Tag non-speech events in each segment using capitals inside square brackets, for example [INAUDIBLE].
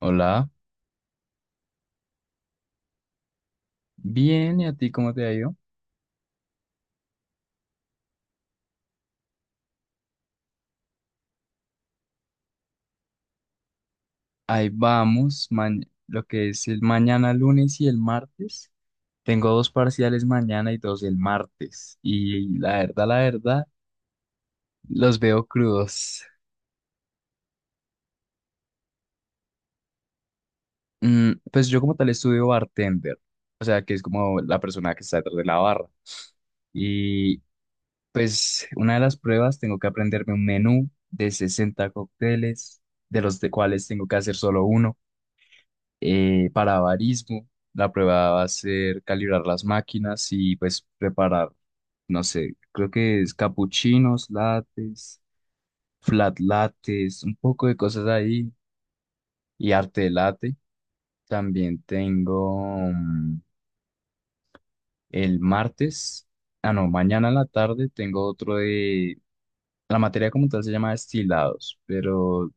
Hola, bien, ¿y a ti cómo te ha ido? Ahí vamos, lo que es el mañana lunes y el martes. Tengo dos parciales mañana y dos el martes. Y la verdad, los veo crudos. Pues yo como tal estudio bartender, o sea, que es como la persona que está detrás de la barra. Y pues una de las pruebas tengo que aprenderme un menú de 60 cócteles, de los de cuales tengo que hacer solo uno. Para avarismo. La prueba va a ser calibrar las máquinas y pues preparar, no sé, creo que es capuchinos, lates, flat lates, un poco de cosas ahí y arte de latte. También tengo el martes, ah no, mañana en la tarde tengo otro de, la materia como tal se llama destilados, pero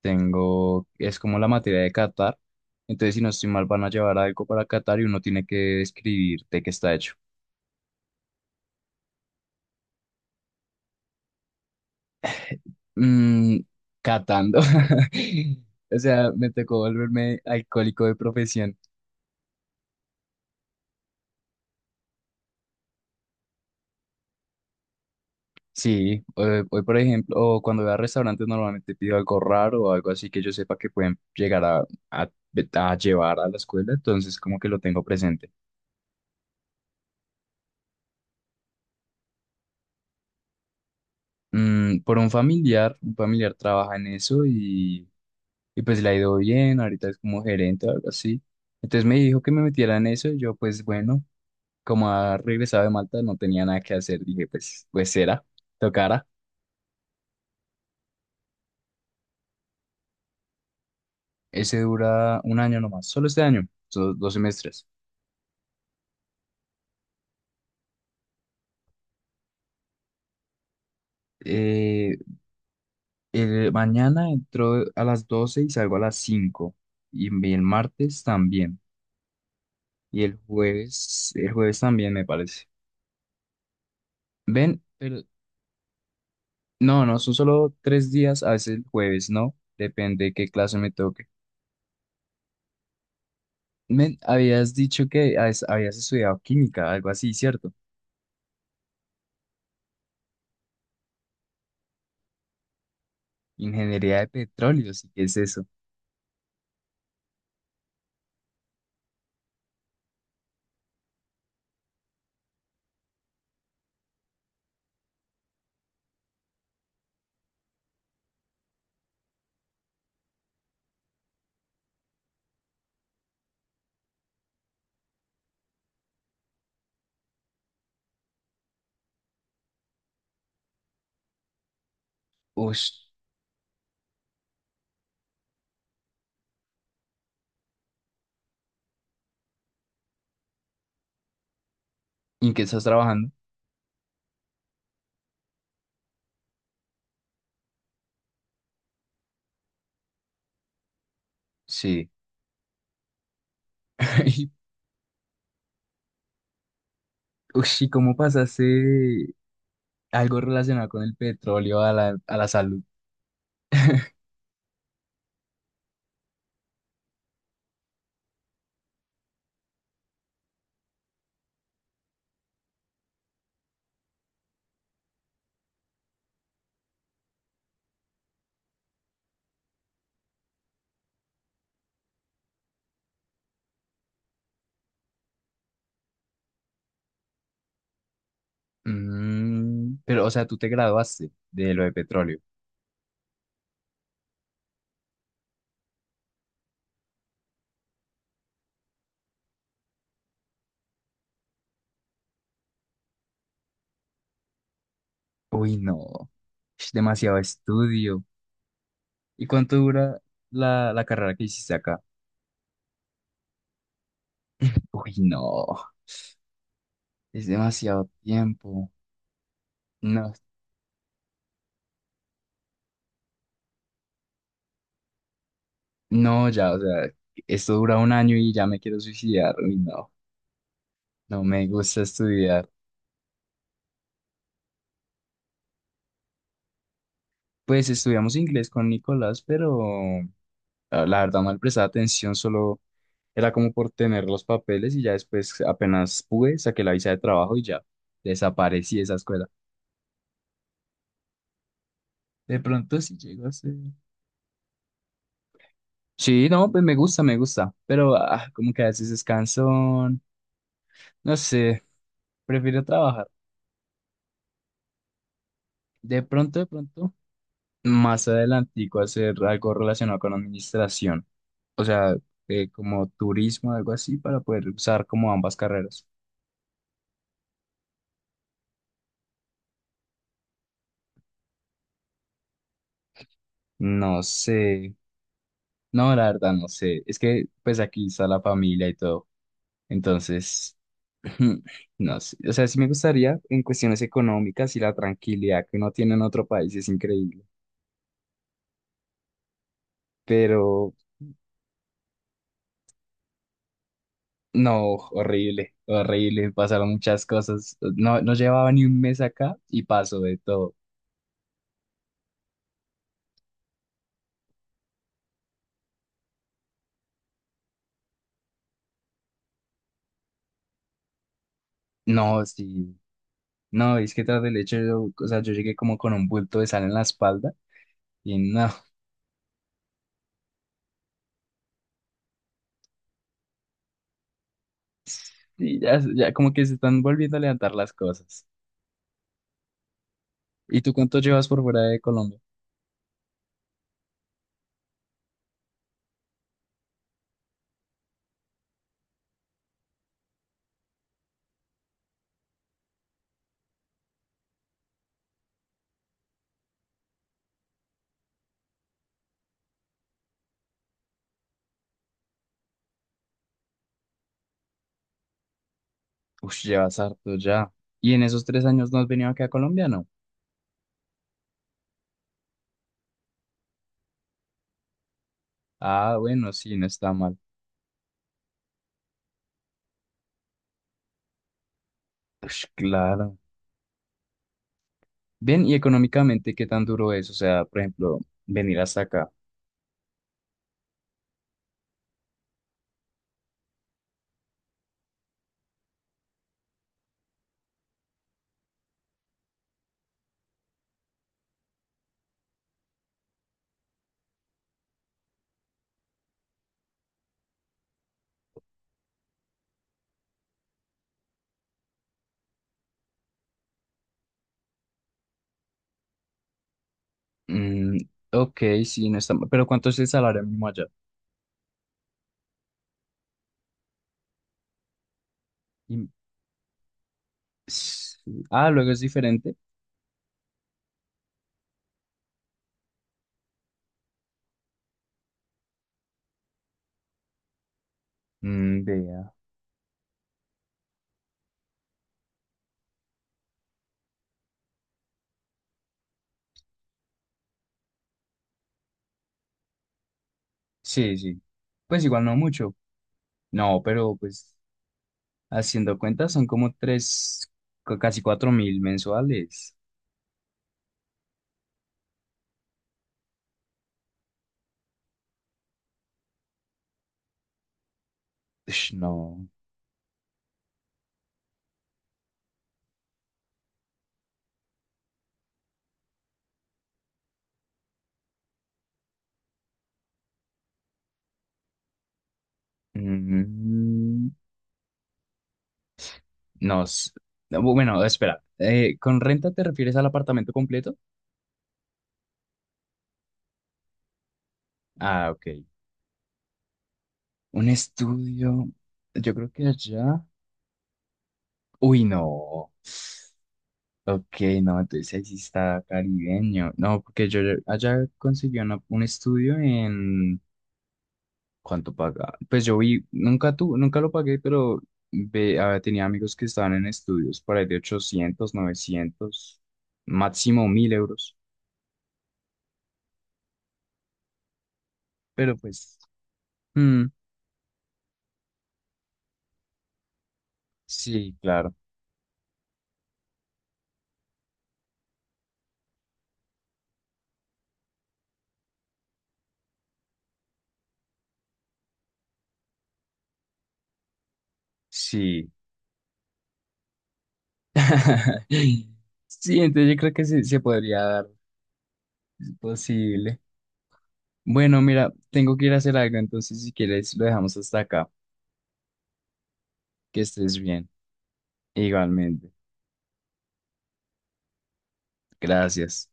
tengo, es como la materia de Qatar. Entonces, si no estoy mal, van a llevar algo para Qatar y uno tiene que escribir de qué está hecho. Mm, Catando. [LAUGHS] O sea, me tocó volverme alcohólico de profesión. Sí, hoy, por ejemplo, o cuando voy a restaurantes normalmente pido algo raro o algo así que yo sepa que pueden llegar a, a- a llevar a la escuela, entonces como que lo tengo presente. Por un familiar trabaja en eso y pues le ha ido bien, ahorita es como gerente o algo así. Entonces me dijo que me metiera en eso y yo pues bueno, como ha regresado de Malta no tenía nada que hacer, dije pues será, tocará. Ese dura 1 año nomás, solo este año, son 2 semestres. Eh, Mañana entro a las 12 y salgo a las 5 y el martes también y el jueves también me parece. Ven, pero no, no, son solo 3 días, a veces el jueves, ¿no? Depende de qué clase me toque. Men, habías dicho que habías estudiado química, algo así, ¿cierto? Ingeniería de petróleos, ¿y qué es eso? Ush, ¿y en qué estás trabajando? Sí. [LAUGHS] Y, ush, ¿y cómo pasaste de algo relacionado con el petróleo a la salud? Pero, o sea, tú te graduaste de lo de petróleo. Uy, no. Ush, demasiado estudio. ¿Y cuánto dura la carrera que hiciste acá? Uy, no. Es demasiado tiempo. No. No, ya, o sea, esto dura 1 año y ya me quiero suicidar. Uy, no, no me gusta estudiar. Pues estudiamos inglés con Nicolás, pero la verdad no le prestaba atención, solo era como por tener los papeles y ya después apenas pude, saqué la visa de trabajo y ya desaparecí de esa escuela. De pronto sí llego a ser. Sí, no, pues me gusta, pero como que a veces es cansón, no sé, prefiero trabajar. De pronto, de pronto. Más adelantico hacer algo relacionado con administración, o sea, como turismo, algo así, para poder usar como ambas carreras. No sé, no, la verdad no sé, es que pues aquí está la familia y todo, entonces, [LAUGHS] no sé, o sea, sí me gustaría en cuestiones económicas y la tranquilidad que uno tiene en otro país es increíble, pero no, horrible, horrible, pasaron muchas cosas, no, no llevaba ni 1 mes acá y pasó de todo. No, sí. No, es que tras del hecho, yo, o sea, yo llegué como con un bulto de sal en la espalda y no, [LAUGHS] y ya, ya como que se están volviendo a levantar las cosas. ¿Y tú cuánto llevas por fuera de Colombia? Uf, llevas harto ya. ¿Y en esos 3 años no has venido acá a Colombia, no? Ah, bueno, sí, no está mal. Ush, claro. Bien, ¿y económicamente qué tan duro es? O sea, por ejemplo, venir hasta acá. Mm, ok, sí, no está mal. Pero ¿cuánto es el salario mínimo allá? Y- s- Luego es diferente. Vea. Sí, sí. Pues igual no mucho. No, pero pues haciendo cuentas son como tres, casi 4.000 mensuales. Ush, no. Mm, no. No, Bueno, espera. ¿Con renta te refieres al apartamento completo? Ah, ok. Un estudio. Yo creo que allá. Uy, no. Ok, no, entonces ahí sí está caribeño. No, porque yo allá conseguí un estudio en ¿cuánto paga? Pues yo vi, nunca lo pagué, pero tenía amigos que estaban en estudios por ahí de 800 900 máximo 1.000 euros. Pero pues, mm, sí, claro, sí. [LAUGHS] Sí, entonces yo creo que sí se podría dar, es posible. Bueno, mira, tengo que ir a hacer algo, entonces si quieres lo dejamos hasta acá. Que estés bien, igualmente. Gracias.